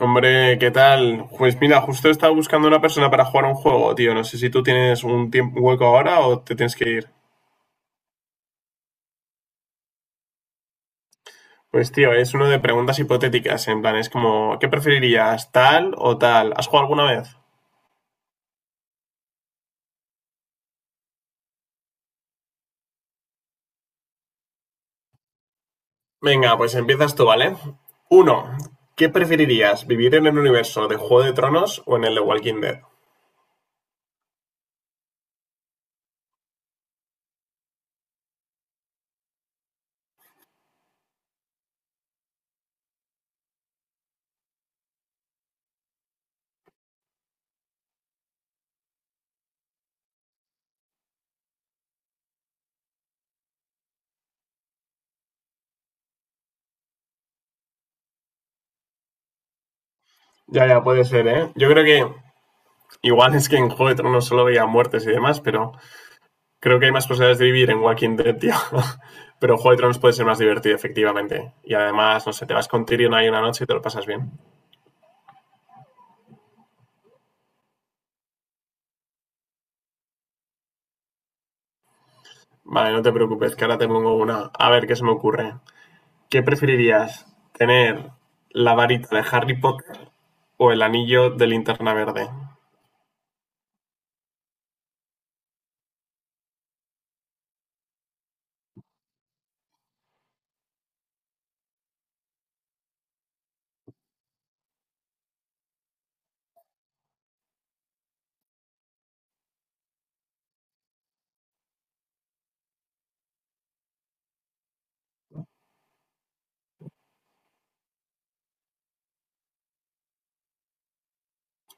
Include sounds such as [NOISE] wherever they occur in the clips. Hombre, ¿qué tal? Pues mira, justo estaba buscando una persona para jugar un juego, tío. No sé si tú tienes un hueco ahora o te tienes que ir. Pues tío, es uno de preguntas hipotéticas, en plan, es como, ¿qué preferirías, tal o tal? ¿Has jugado alguna vez? Venga, pues empiezas tú, ¿vale? Uno, ¿qué preferirías, vivir en el universo de Juego de Tronos o en el de Walking Dead? Ya, ya, puede ser, ¿eh? Yo creo que igual es que en Juego de Tronos solo veía muertes y demás, pero creo que hay más posibilidades de vivir en Walking Dead, tío. [LAUGHS] Pero Juego de Tronos puede ser más divertido, efectivamente. Y además, no sé, te vas con Tyrion ahí una noche y te lo pasas bien. Vale, no te preocupes, que ahora te pongo una. A ver, ¿qué se me ocurre? ¿Qué preferirías? ¿Tener la varita de Harry Potter o el anillo de linterna verde?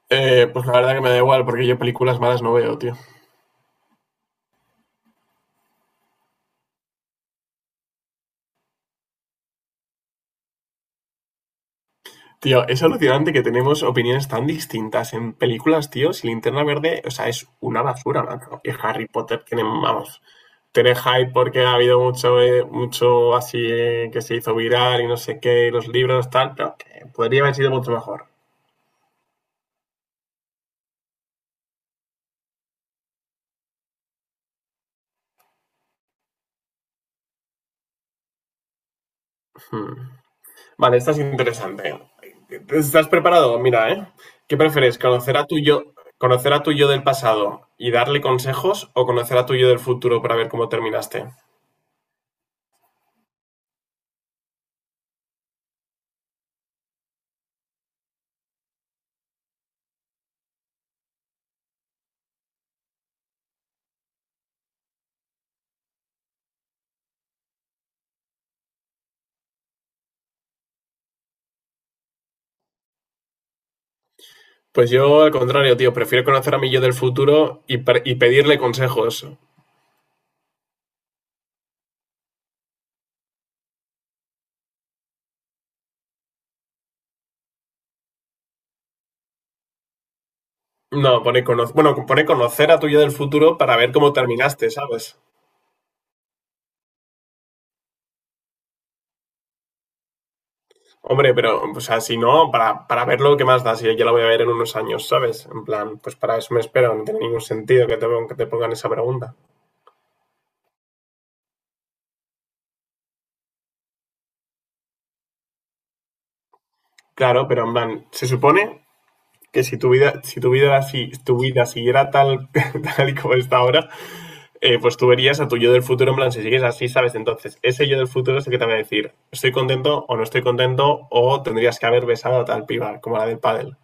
Pues la verdad que me da igual, porque yo películas malas no veo, tío. Tío, es alucinante que tenemos opiniones tan distintas en películas, tío. Si Linterna Verde, o sea, es una basura, macho. Y Harry Potter tiene, vamos, tener hype porque ha habido mucho así que se hizo viral y no sé qué, los libros, tal, pero que podría haber sido mucho mejor. Hmm. Vale, esta es interesante. ¿Estás preparado? Mira, ¿eh? ¿Qué prefieres? ¿Conocer a tu yo del pasado y darle consejos o conocer a tu yo del futuro para ver cómo terminaste? Pues yo, al contrario, tío, prefiero conocer a mi yo del futuro y, y pedirle consejos. No, pone bueno, pone conocer a tu yo del futuro para ver cómo terminaste, ¿sabes? Hombre, pero, o sea, si no, para verlo, ¿qué más da? Si ya lo voy a ver en unos años, ¿sabes? En plan, pues para eso me espero, no tiene ningún sentido que te pongan esa pregunta. Claro, pero en plan, se supone que si tu vida, si tu vida, si tu vida siguiera tal, [LAUGHS] tal y como está ahora, pues tú verías a tu yo del futuro, en plan, si sigues así, ¿sabes? Entonces, ese yo del futuro es el que te va a decir, estoy contento o no estoy contento, o tendrías que haber besado a tal piba, como la del pádel.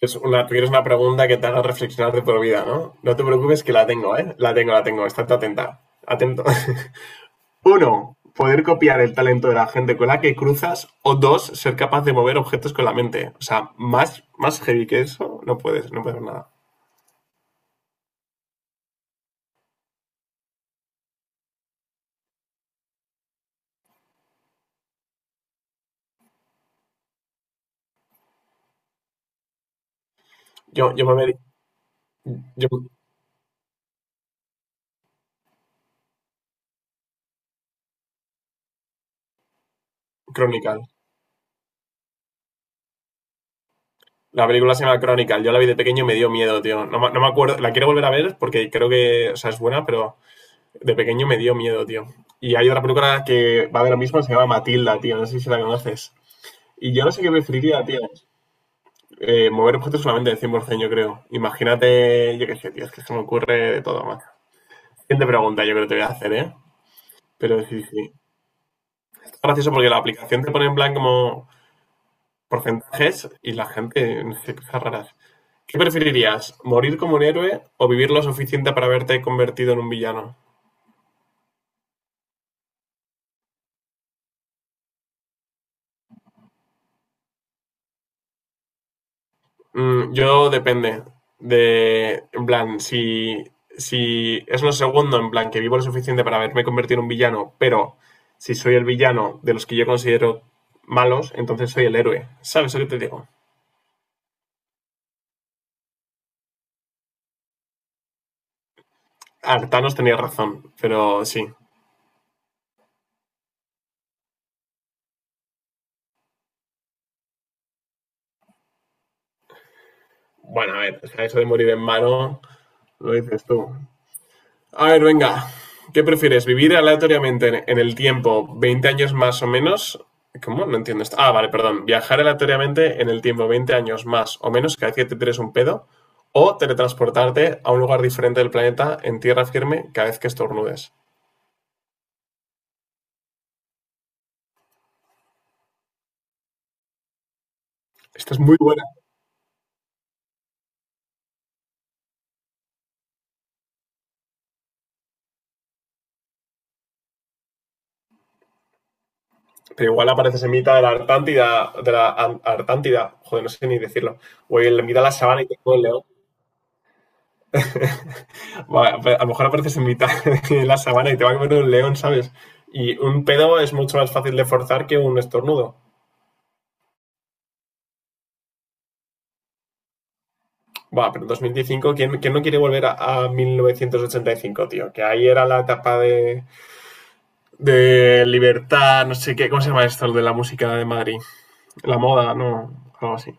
Tú quieres una pregunta que te haga reflexionar de por vida, ¿no? No te preocupes que la tengo, ¿eh? La tengo, la tengo. Estate atenta. Atento. [LAUGHS] Uno, poder copiar el talento de la gente con la que cruzas. O dos, ser capaz de mover objetos con la mente. O sea, más, más heavy que eso, no puedes nada. Yo me vi... yo, Chronicle. La película se llama Chronicle. Yo la vi de pequeño y me dio miedo, tío. No, no me acuerdo. La quiero volver a ver porque creo que, o sea, es buena, pero de pequeño me dio miedo, tío. Y hay otra película que va de lo mismo, se llama Matilda, tío. No sé si la conoces. Y yo no sé qué preferiría, tío. Mover objetos solamente del cien por 100%, yo creo. Imagínate, yo qué sé, tío. Es que se me ocurre de todo, macho. Siguiente pregunta, yo creo que te voy a hacer, ¿eh? Pero sí, sí. Es gracioso porque la aplicación te pone en plan como porcentajes y la gente, no sé, cosas raras. ¿Qué preferirías? ¿Morir como un héroe o vivir lo suficiente para haberte convertido en un villano? Yo depende de, en plan, si es lo segundo, en plan, que vivo lo suficiente para haberme convertido en un villano, pero si soy el villano de los que yo considero malos, entonces soy el héroe. ¿Sabes lo que te digo? Artanos tenía razón, pero sí. Bueno, a ver, o sea, eso de morir en mano, lo dices tú. A ver, venga. ¿Qué prefieres? ¿Vivir aleatoriamente en el tiempo 20 años más o menos? ¿Cómo? No entiendo esto. Ah, vale, perdón. ¿Viajar aleatoriamente en el tiempo 20 años más o menos cada vez que te tires un pedo? ¿O teletransportarte a un lugar diferente del planeta en tierra firme cada vez que estornudes? Esta es muy buena. Pero igual apareces en mitad de la Artántida, de la Ar- Artántida, joder, no sé ni decirlo. O en mitad de la sabana y te come un león. Va, a lo mejor apareces en mitad [LAUGHS] de la sabana y te va a comer un león, ¿sabes? Y un pedo es mucho más fácil de forzar que un estornudo. Va, pero en 2015, ¿quién no quiere volver a 1985, tío? Que ahí era la etapa de libertad, no sé qué, ¿cómo se llama esto?, de la música de Madrid. La moda, ¿no? Algo así.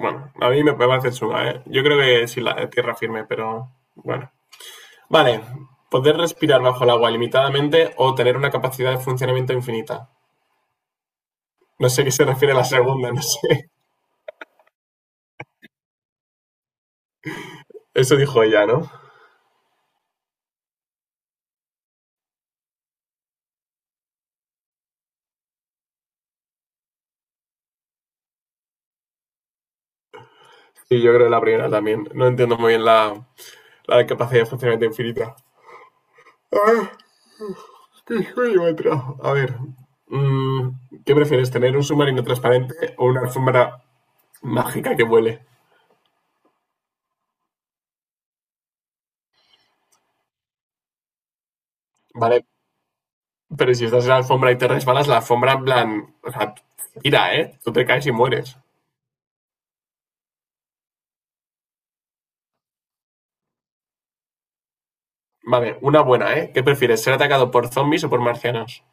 Bueno, a mí me parece chunga, ¿eh? Yo creo que sí, la tierra firme, pero bueno. Vale, poder respirar bajo el agua limitadamente o tener una capacidad de funcionamiento infinita. No sé a qué se refiere la segunda, no sé. Eso dijo ella, ¿no? Y yo creo que la primera también. No entiendo muy bien la capacidad de funcionamiento infinita. Ah, qué sueño me trajo. A ver, ¿qué prefieres, tener un submarino transparente o una alfombra mágica que vuele? Vale, pero si estás en la alfombra y te resbalas, la alfombra, en plan, o sea, tira, ¿eh? Tú te caes y mueres. Vale, una buena, ¿eh? ¿Qué prefieres, ser atacado por zombies o por marcianos?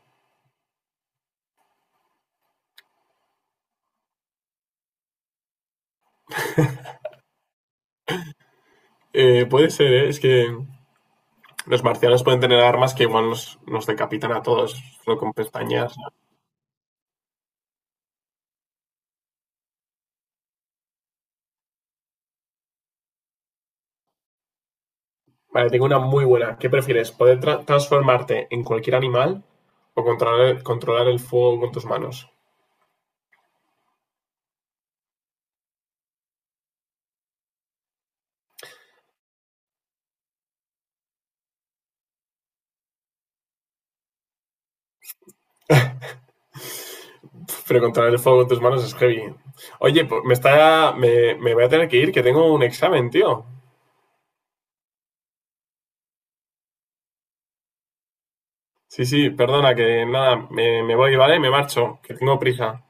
Puede ser, ¿eh? Es que. Los marcianos pueden tener armas que igual nos decapitan a todos, solo con pestañas. Vale, tengo una muy buena. ¿Qué prefieres? ¿Poder transformarte en cualquier animal o controlar el fuego con tus manos? Pero controlar el fuego con tus manos es heavy. Oye, pues, me está. me voy a tener que ir, que tengo un examen, tío. Sí, sí, perdona, que nada, me voy, ¿vale? Me marcho, que tengo prisa.